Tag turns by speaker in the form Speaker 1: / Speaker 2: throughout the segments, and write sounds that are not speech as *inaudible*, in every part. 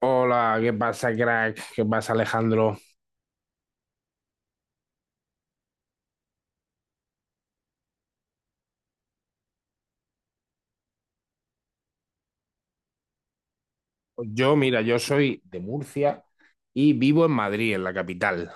Speaker 1: Hola, ¿qué pasa, crack? ¿Qué pasa, Alejandro? Pues mira, yo soy de Murcia y vivo en Madrid, en la capital.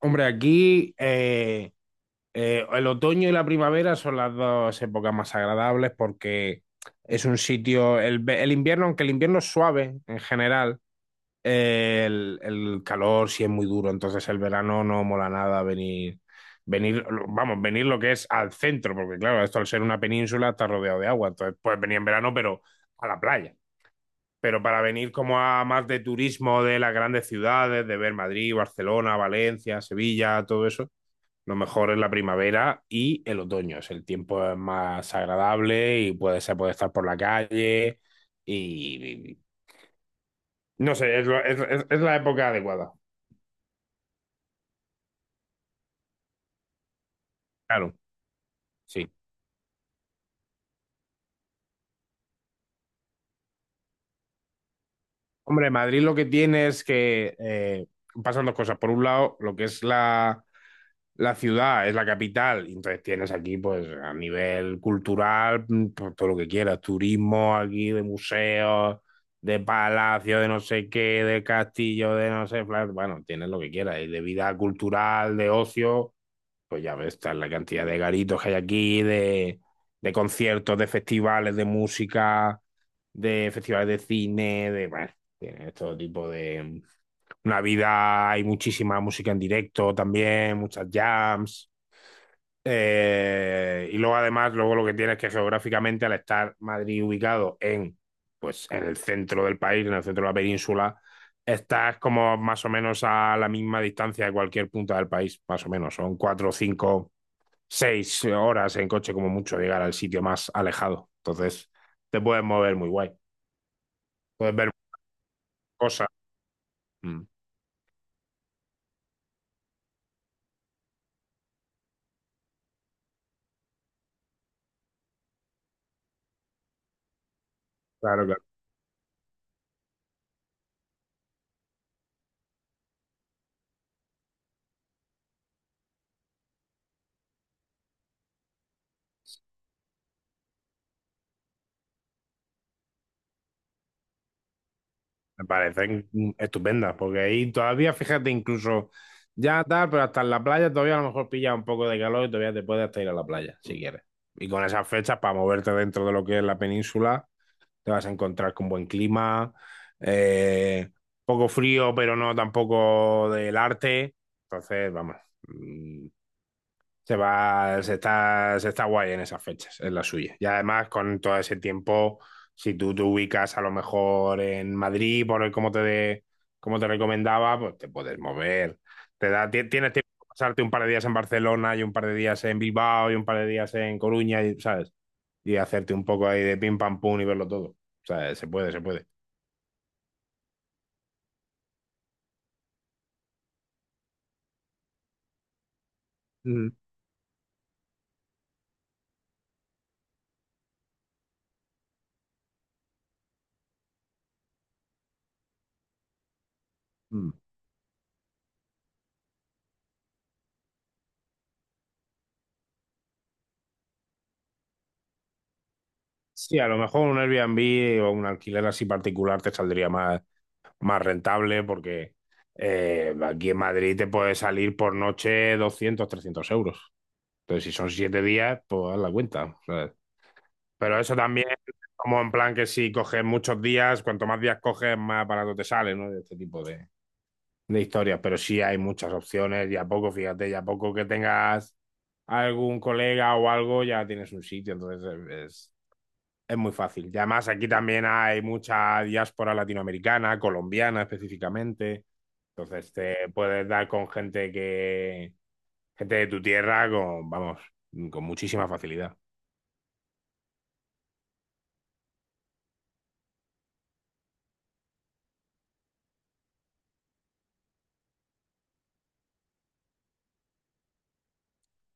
Speaker 1: Hombre, aquí el otoño y la primavera son las dos épocas más agradables, porque es un sitio, el invierno, aunque el invierno es suave en general. El calor sí es muy duro, entonces el verano no mola nada venir, vamos, venir lo que es al centro, porque, claro, esto, al ser una península, está rodeado de agua, entonces puedes venir en verano, pero a la playa. Pero para venir como a más de turismo de las grandes ciudades, de ver Madrid, Barcelona, Valencia, Sevilla, todo eso, lo mejor es la primavera y el otoño. Es el tiempo es más agradable y se puede estar por la calle y, y- no sé, es, lo- es la época adecuada. Claro, sí. Hombre, Madrid lo que tiene es que, pasan dos cosas. Por un lado, lo que es la ciudad, es la capital, y entonces tienes aquí, pues, a nivel cultural, pues, todo lo que quieras, turismo aquí, de museos, de palacios, de no sé qué, de castillo, de no sé, bueno, tienes lo que quieras, y de vida cultural, de ocio. Pues ya ves, está la cantidad de garitos que hay aquí, de conciertos, de festivales de música, de festivales de cine, bueno, tiene todo tipo de... Una vida, hay muchísima música en directo también, muchas jams. Y luego además, luego lo que tiene es que, geográficamente, al estar Madrid ubicado en, pues, en el centro del país, en el centro de la península, estás como más o menos a la misma distancia de cualquier punta del país, más o menos. Son 4, 5, 6 horas en coche como mucho llegar al sitio más alejado. Entonces, te puedes mover muy guay, puedes ver cosas. Mm. Claro, claro. Me parecen estupendas, porque ahí todavía, fíjate, incluso ya tal, pero hasta en la playa todavía a lo mejor pilla un poco de calor y todavía te puedes hasta ir a la playa, si quieres. Y con esas fechas, para moverte dentro de lo que es la península, te vas a encontrar con buen clima, eh, poco frío, pero no tampoco del arte. Entonces, vamos, mm, se está guay en esas fechas, es la suya. Y además, con todo ese tiempo, si tú te ubicas a lo mejor en Madrid, por el como te, de- como te recomendaba, pues te puedes mover. Tienes tiempo de pasarte un par de días en Barcelona y un par de días en Bilbao y un par de días en Coruña, y, ¿sabes? Y hacerte un poco ahí de pim pam pum y verlo todo. O sea, se puede, se puede. Mm. Mm. Sí, a lo mejor un Airbnb o un alquiler así particular te saldría más rentable, porque aquí en Madrid te puede salir por noche 200 300 euros. Entonces, si son 7 días, pues haz la cuenta, ¿sabes? Pero eso también, como en plan que si coges muchos días, cuanto más días coges, más barato te sale, ¿no? Este tipo de historias. Pero sí hay muchas opciones y a poco, fíjate, y a poco que tengas algún colega o algo, ya tienes un sitio. Entonces, es, es muy fácil. Y además aquí también hay mucha diáspora latinoamericana, colombiana específicamente. Entonces te puedes dar con gente de tu tierra con, vamos, con muchísima facilidad.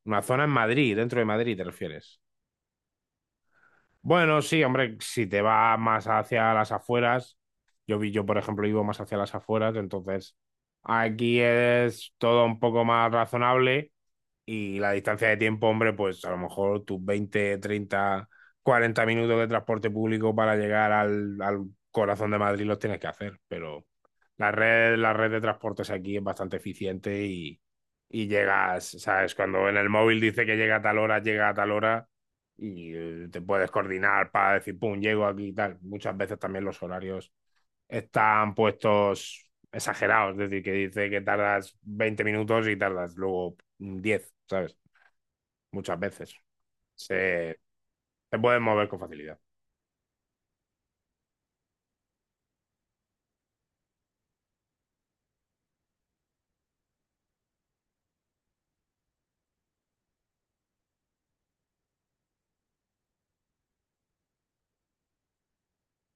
Speaker 1: Una zona en Madrid, dentro de Madrid, ¿te refieres? Bueno, sí, hombre, si te vas más hacia las afueras, yo, por ejemplo, vivo más hacia las afueras, entonces aquí es todo un poco más razonable. Y la distancia de tiempo, hombre, pues a lo mejor tus 20 30 40 minutos de transporte público para llegar al corazón de Madrid los tienes que hacer, pero la red de transportes aquí es bastante eficiente y llegas, ¿sabes? Cuando en el móvil dice que llega a tal hora, llega a tal hora, y te puedes coordinar para decir, pum, llego aquí y tal. Muchas veces también los horarios están puestos exagerados, es decir, que dice que tardas 20 minutos y tardas luego 10, ¿sabes? Muchas veces. Se, se pueden mover con facilidad.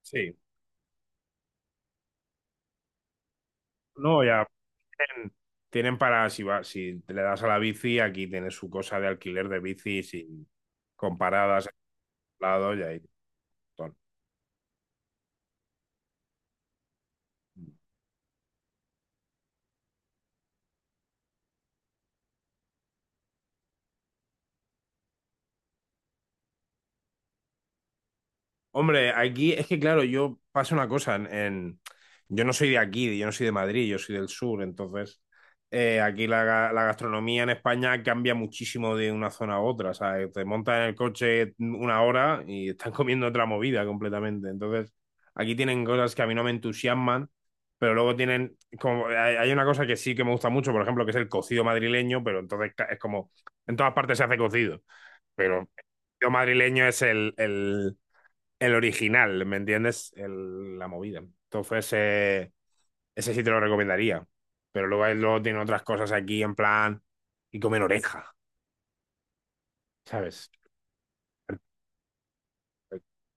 Speaker 1: Sí, no, ya tienen, tienen para, si te le das a la bici, aquí tienes su cosa de alquiler de bicis y, con paradas a los lados y ahí. Todo. Hombre, aquí es que, claro, yo, pasa una cosa, yo no soy de aquí, yo no soy de Madrid, yo soy del sur. Entonces, aquí la gastronomía en España cambia muchísimo de una zona a otra. O sea, te montas en el coche una hora y están *laughs* comiendo otra movida completamente. Entonces, aquí tienen cosas que a mí no me entusiasman, pero luego tienen, como, hay una cosa que sí que me gusta mucho, por ejemplo, que es el cocido madrileño. Pero entonces, es como, en todas partes se hace cocido, pero el cocido madrileño es el original, ¿me entiendes? La movida. Entonces, ese sí te lo recomendaría. Pero luego, él luego tiene otras cosas aquí en plan y comen oreja, ¿sabes?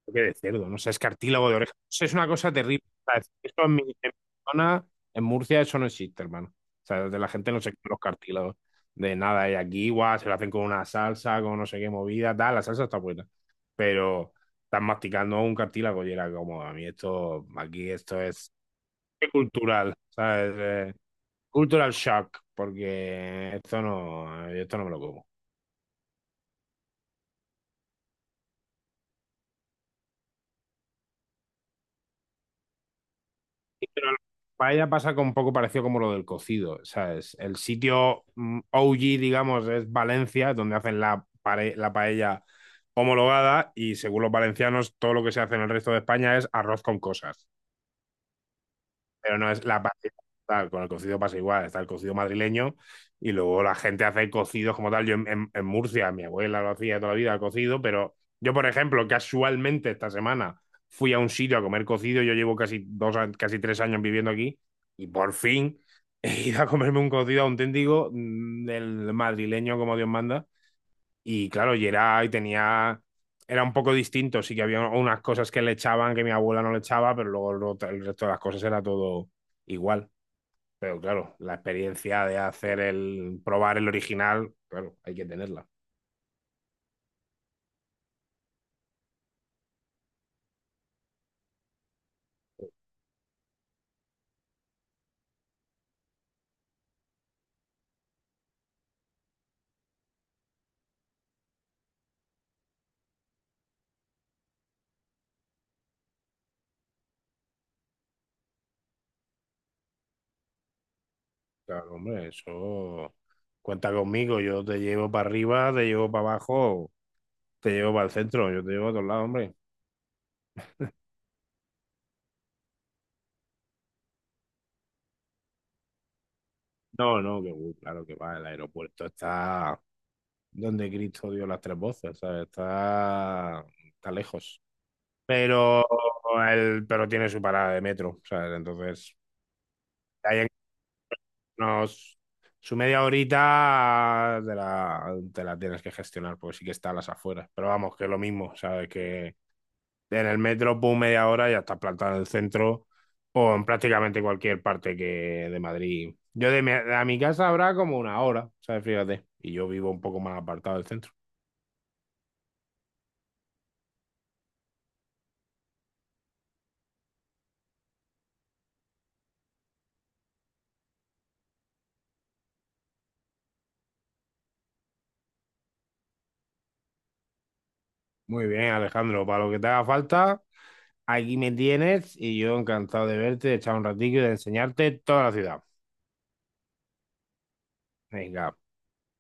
Speaker 1: Creo que de cerdo, no sé, es cartílago de oreja. Eso es una cosa terrible. O sea, esto en mi zona, en Murcia, eso no existe, hermano. O sea, de la gente no se come los cartílagos de nada. Y aquí, igual, se lo hacen con una salsa, con no sé qué movida, tal. La salsa está buena. Pero estás masticando un cartílago y era como, a mí esto, aquí esto es cultural, ¿sabes? Cultural shock, porque esto no me lo como. Sí, pero la paella pasa con un poco parecido como lo del cocido, ¿sabes? El sitio OG, digamos, es Valencia, donde hacen la paella homologada y, según los valencianos, todo lo que se hace en el resto de España es arroz con cosas. Pero no es la pastilla tal, con el cocido pasa igual, está el cocido madrileño y luego la gente hace cocidos como tal. Yo en Murcia, mi abuela lo hacía toda la vida, el cocido. Pero yo, por ejemplo, casualmente esta semana fui a un sitio a comer cocido. Yo llevo casi 3 años viviendo aquí y por fin *laughs* he ido a comerme un cocido auténtico, del madrileño, como Dios manda. Y, claro, era un poco distinto, sí que había unas cosas que le echaban que mi abuela no le echaba, pero luego el resto de las cosas era todo igual. Pero, claro, la experiencia de probar el original, claro, hay que tenerla. Claro, hombre, eso cuenta conmigo, yo te llevo para arriba, te llevo para abajo, te llevo para el centro, yo te llevo a todos lados, hombre. No, no, que claro que va, el aeropuerto está donde Cristo dio las tres voces, ¿sabes? Está lejos. Pero, pero tiene su parada de metro, ¿sabes? Entonces, ahí en unos, su media horita te la tienes que gestionar, porque sí que está a las afueras. Pero vamos, que es lo mismo, ¿sabes? Que en el metro, pum, media hora ya estás plantado en el centro o en prácticamente cualquier parte que de Madrid. A mi casa habrá como una hora, ¿sabes? Fíjate. Y yo vivo un poco más apartado del centro. Muy bien, Alejandro. Para lo que te haga falta, aquí me tienes y yo encantado de verte, de echar un ratillo y de enseñarte toda la ciudad. Venga,